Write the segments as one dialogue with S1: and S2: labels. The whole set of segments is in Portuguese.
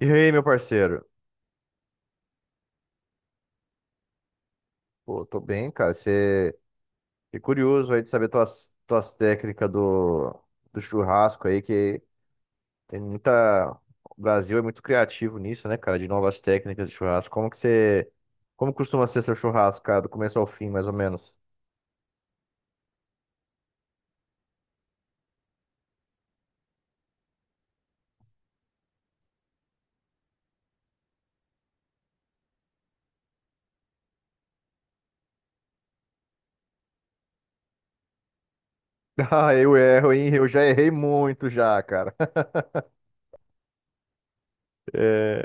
S1: E aí, meu parceiro? Pô, tô bem, cara. Você é curioso aí de saber tuas técnicas do churrasco aí, que tem muita. O Brasil é muito criativo nisso, né, cara? De novas técnicas de churrasco. Como que você. Como costuma ser seu churrasco, cara, do começo ao fim, mais ou menos? Ah, eu erro, hein? Eu já errei muito já, cara. É.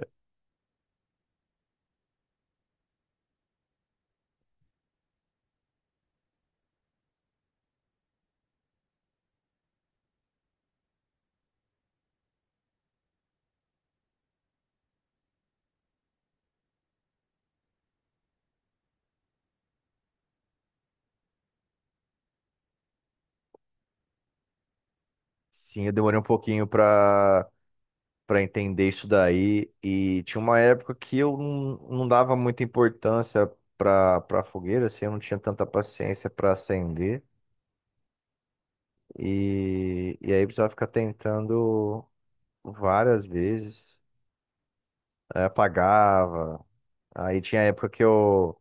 S1: Sim, eu demorei um pouquinho pra para entender isso daí. E tinha uma época que eu não dava muita importância para fogueira, assim, eu não tinha tanta paciência para acender. E aí precisava ficar tentando várias vezes. Aí apagava. Aí tinha época que eu.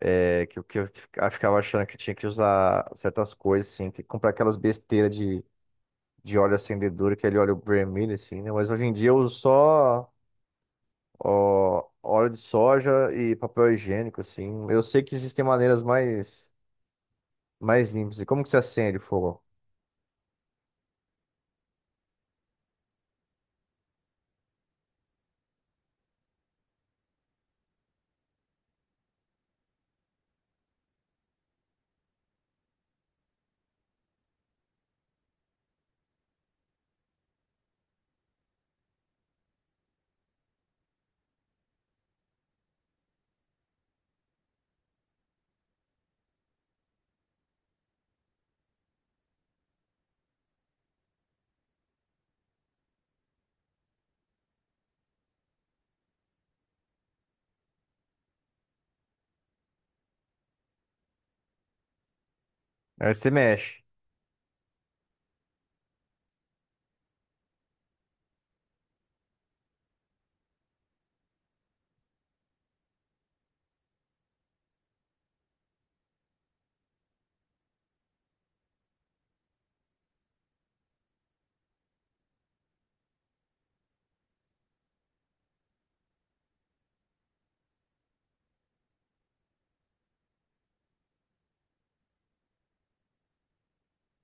S1: É, que, ficava achando que tinha que usar certas coisas, assim, que comprar aquelas besteiras de óleo acendedor, aquele óleo vermelho, assim, né? Mas hoje em dia eu uso só óleo de soja e papel higiênico, assim. Eu sei que existem maneiras mais limpas. E como que você acende o fogo? Aí você mexe.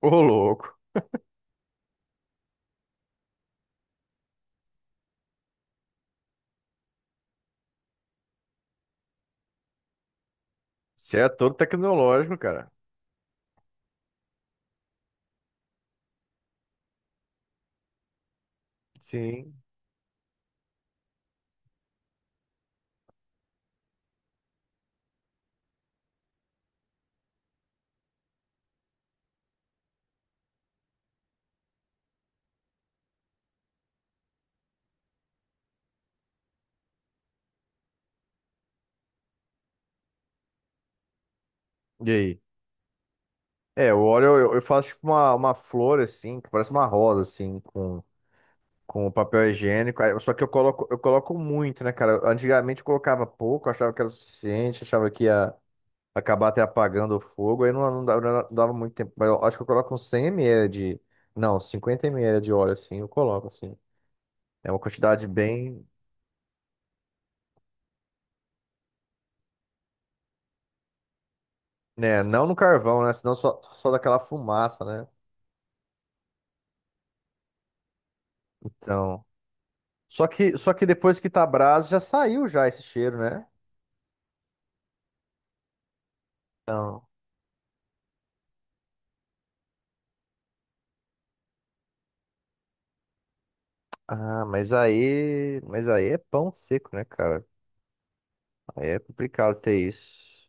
S1: Ô, louco. Você é todo tecnológico, cara. Sim. E aí? É, o óleo eu faço tipo uma flor, assim, que parece uma rosa, assim, com papel higiênico. Aí- só que eu coloco muito, né, cara? Antigamente eu colocava pouco, achava que era o suficiente, achava que ia acabar até apagando o fogo, aí não dava, não dava muito tempo. Mas eu acho que eu coloco uns 100 ml de. Não, 50 ml de óleo, assim, eu coloco, assim. É uma quantidade bem. Né, não no carvão, né? Senão só daquela fumaça, né? Então. Só que depois que tá a brasa, já saiu já esse cheiro, né? Então. Ah, mas aí. Mas aí é pão seco, né, cara? Aí é complicado ter isso.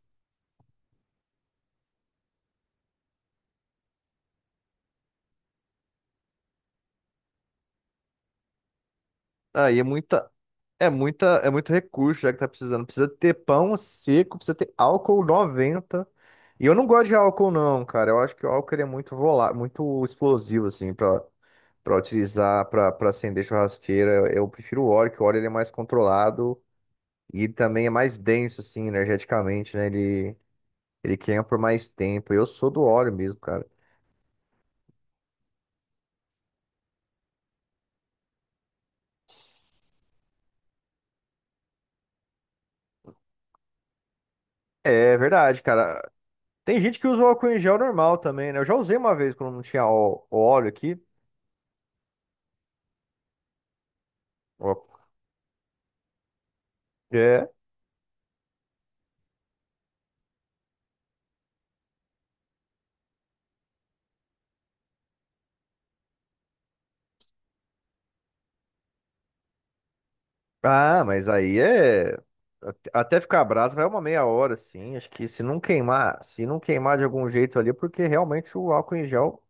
S1: Aí é muita. É muita, é muito recurso já que tá precisando. Precisa ter pão seco, precisa ter álcool noventa. E eu não gosto de álcool não, cara. Eu acho que o álcool ele é muito volá, muito explosivo assim para utilizar para acender churrasqueira. Eu prefiro o óleo, que o óleo ele é mais controlado e ele também é mais denso assim energeticamente, né? Ele queima por mais tempo. Eu sou do óleo mesmo, cara. É verdade, cara. Tem gente que usa o álcool em gel normal também, né? Eu já usei uma vez quando não tinha óleo aqui. Ó. É. Ah, mas aí é. Até ficar brasa vai uma meia hora, assim. Acho que se não queimar, se não queimar de algum jeito ali, porque realmente o álcool em gel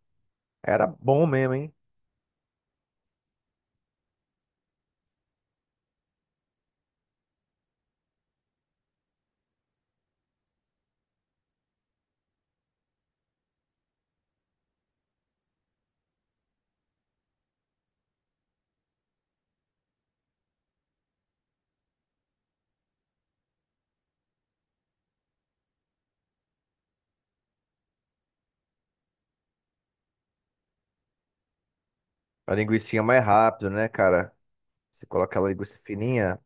S1: era bom mesmo, hein? A linguicinha é mais rápido, né, cara? Você coloca aquela linguiça fininha?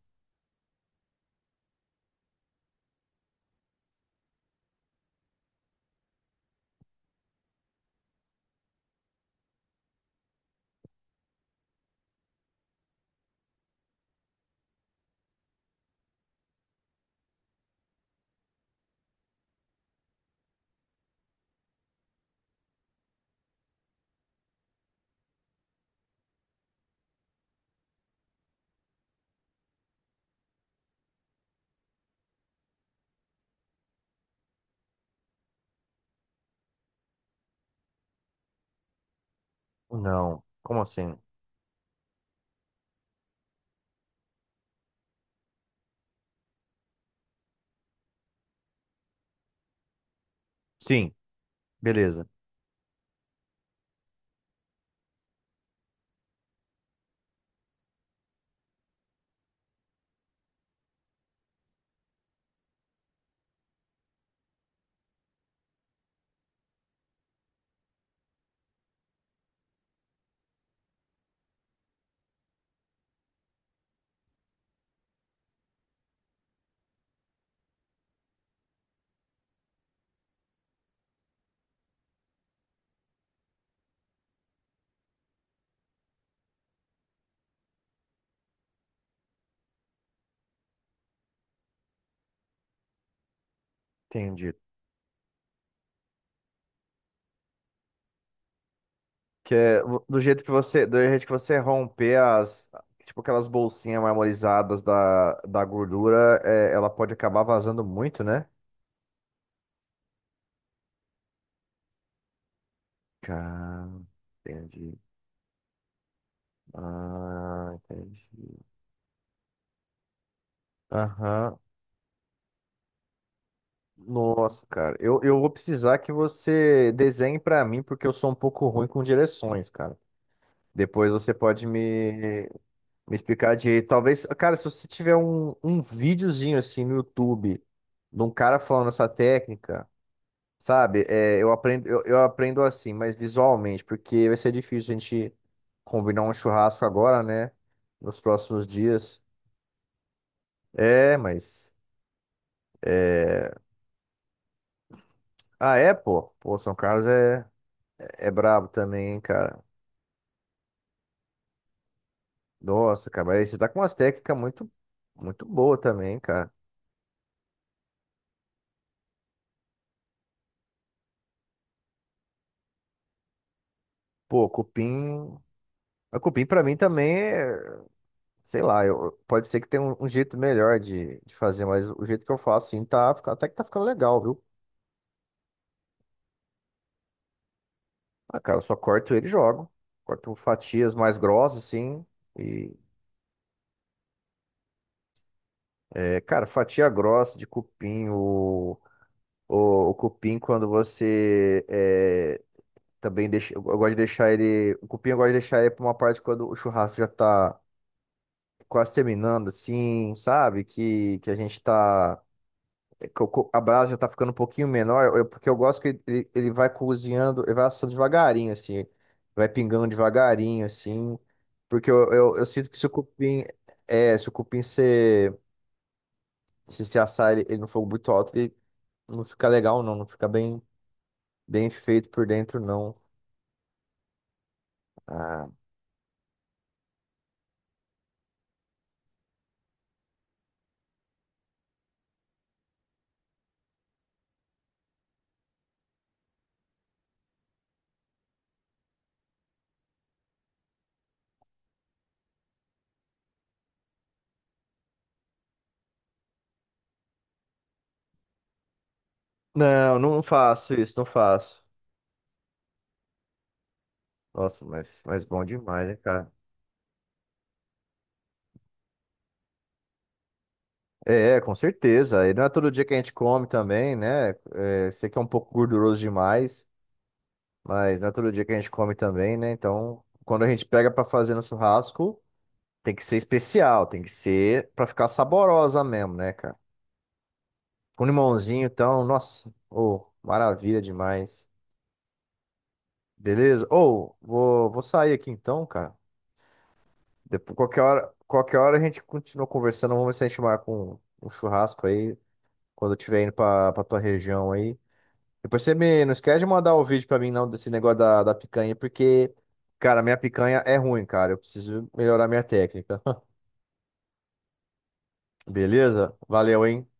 S1: Não. Como assim? Sim, beleza. Entendi. Que é do jeito que você, do jeito que você romper tipo aquelas bolsinhas marmorizadas da gordura, é, ela pode acabar vazando muito, né? Cara, entendi. Ah, entendi. Aham. Nossa, cara. Eu vou precisar que você desenhe pra mim, porque eu sou um pouco ruim com direções, cara. Depois você pode me, me explicar de. Talvez. Cara, se você tiver um, um videozinho assim no YouTube de um cara falando essa técnica, sabe? É, eu aprendo, eu aprendo assim, mas visualmente, porque vai ser difícil a gente combinar um churrasco agora, né? Nos próximos dias. É, mas. Ah, é, pô? Pô, São Carlos é, é brabo também, hein, cara. Nossa, cara, mas você tá com umas técnicas muito, muito boa também, cara. Pô, cupim. A cupim pra mim também é, sei lá, eu, pode ser que tenha um, um jeito melhor de fazer, mas o jeito que eu faço assim tá, até que tá ficando legal, viu? Ah, cara, eu só corto ele e jogo. Corto fatias mais grossas, assim. E, é, cara, fatia grossa de cupim, o cupim quando você. É, também deixo, eu gosto de deixar ele. O cupim eu gosto de deixar ele pra uma parte quando o churrasco já tá quase terminando, assim, sabe? Que a gente tá. Que a brasa já tá ficando um pouquinho menor, eu- porque eu gosto que ele vai cozinhando, ele vai assando devagarinho, assim. Vai pingando devagarinho, assim. Porque eu sinto que se o cupim. É, se o cupim se assar ele no fogo muito alto, ele não fica legal, não. Não fica bem, bem feito por dentro, não. Ah. Não, não faço isso, não faço. Nossa, mas bom demais, né, cara? É, é, com certeza. E não é todo dia que a gente come também, né? É, sei que é um pouco gorduroso demais, mas não é todo dia que a gente come também, né? Então, quando a gente pega pra fazer no churrasco, tem que ser especial, tem que ser pra ficar saborosa mesmo, né, cara? Com limãozinho, então, nossa, ô, maravilha demais. Beleza? Ou, vou, vou sair aqui então, cara. Depois, qualquer hora a gente continua conversando, vamos ver se a gente marca um, um churrasco aí. Quando eu estiver indo pra tua região aí. Depois você me, não esquece de mandar o vídeo pra mim, não, desse negócio da picanha, porque, cara, minha picanha é ruim, cara. Eu preciso melhorar minha técnica. Beleza? Valeu, hein?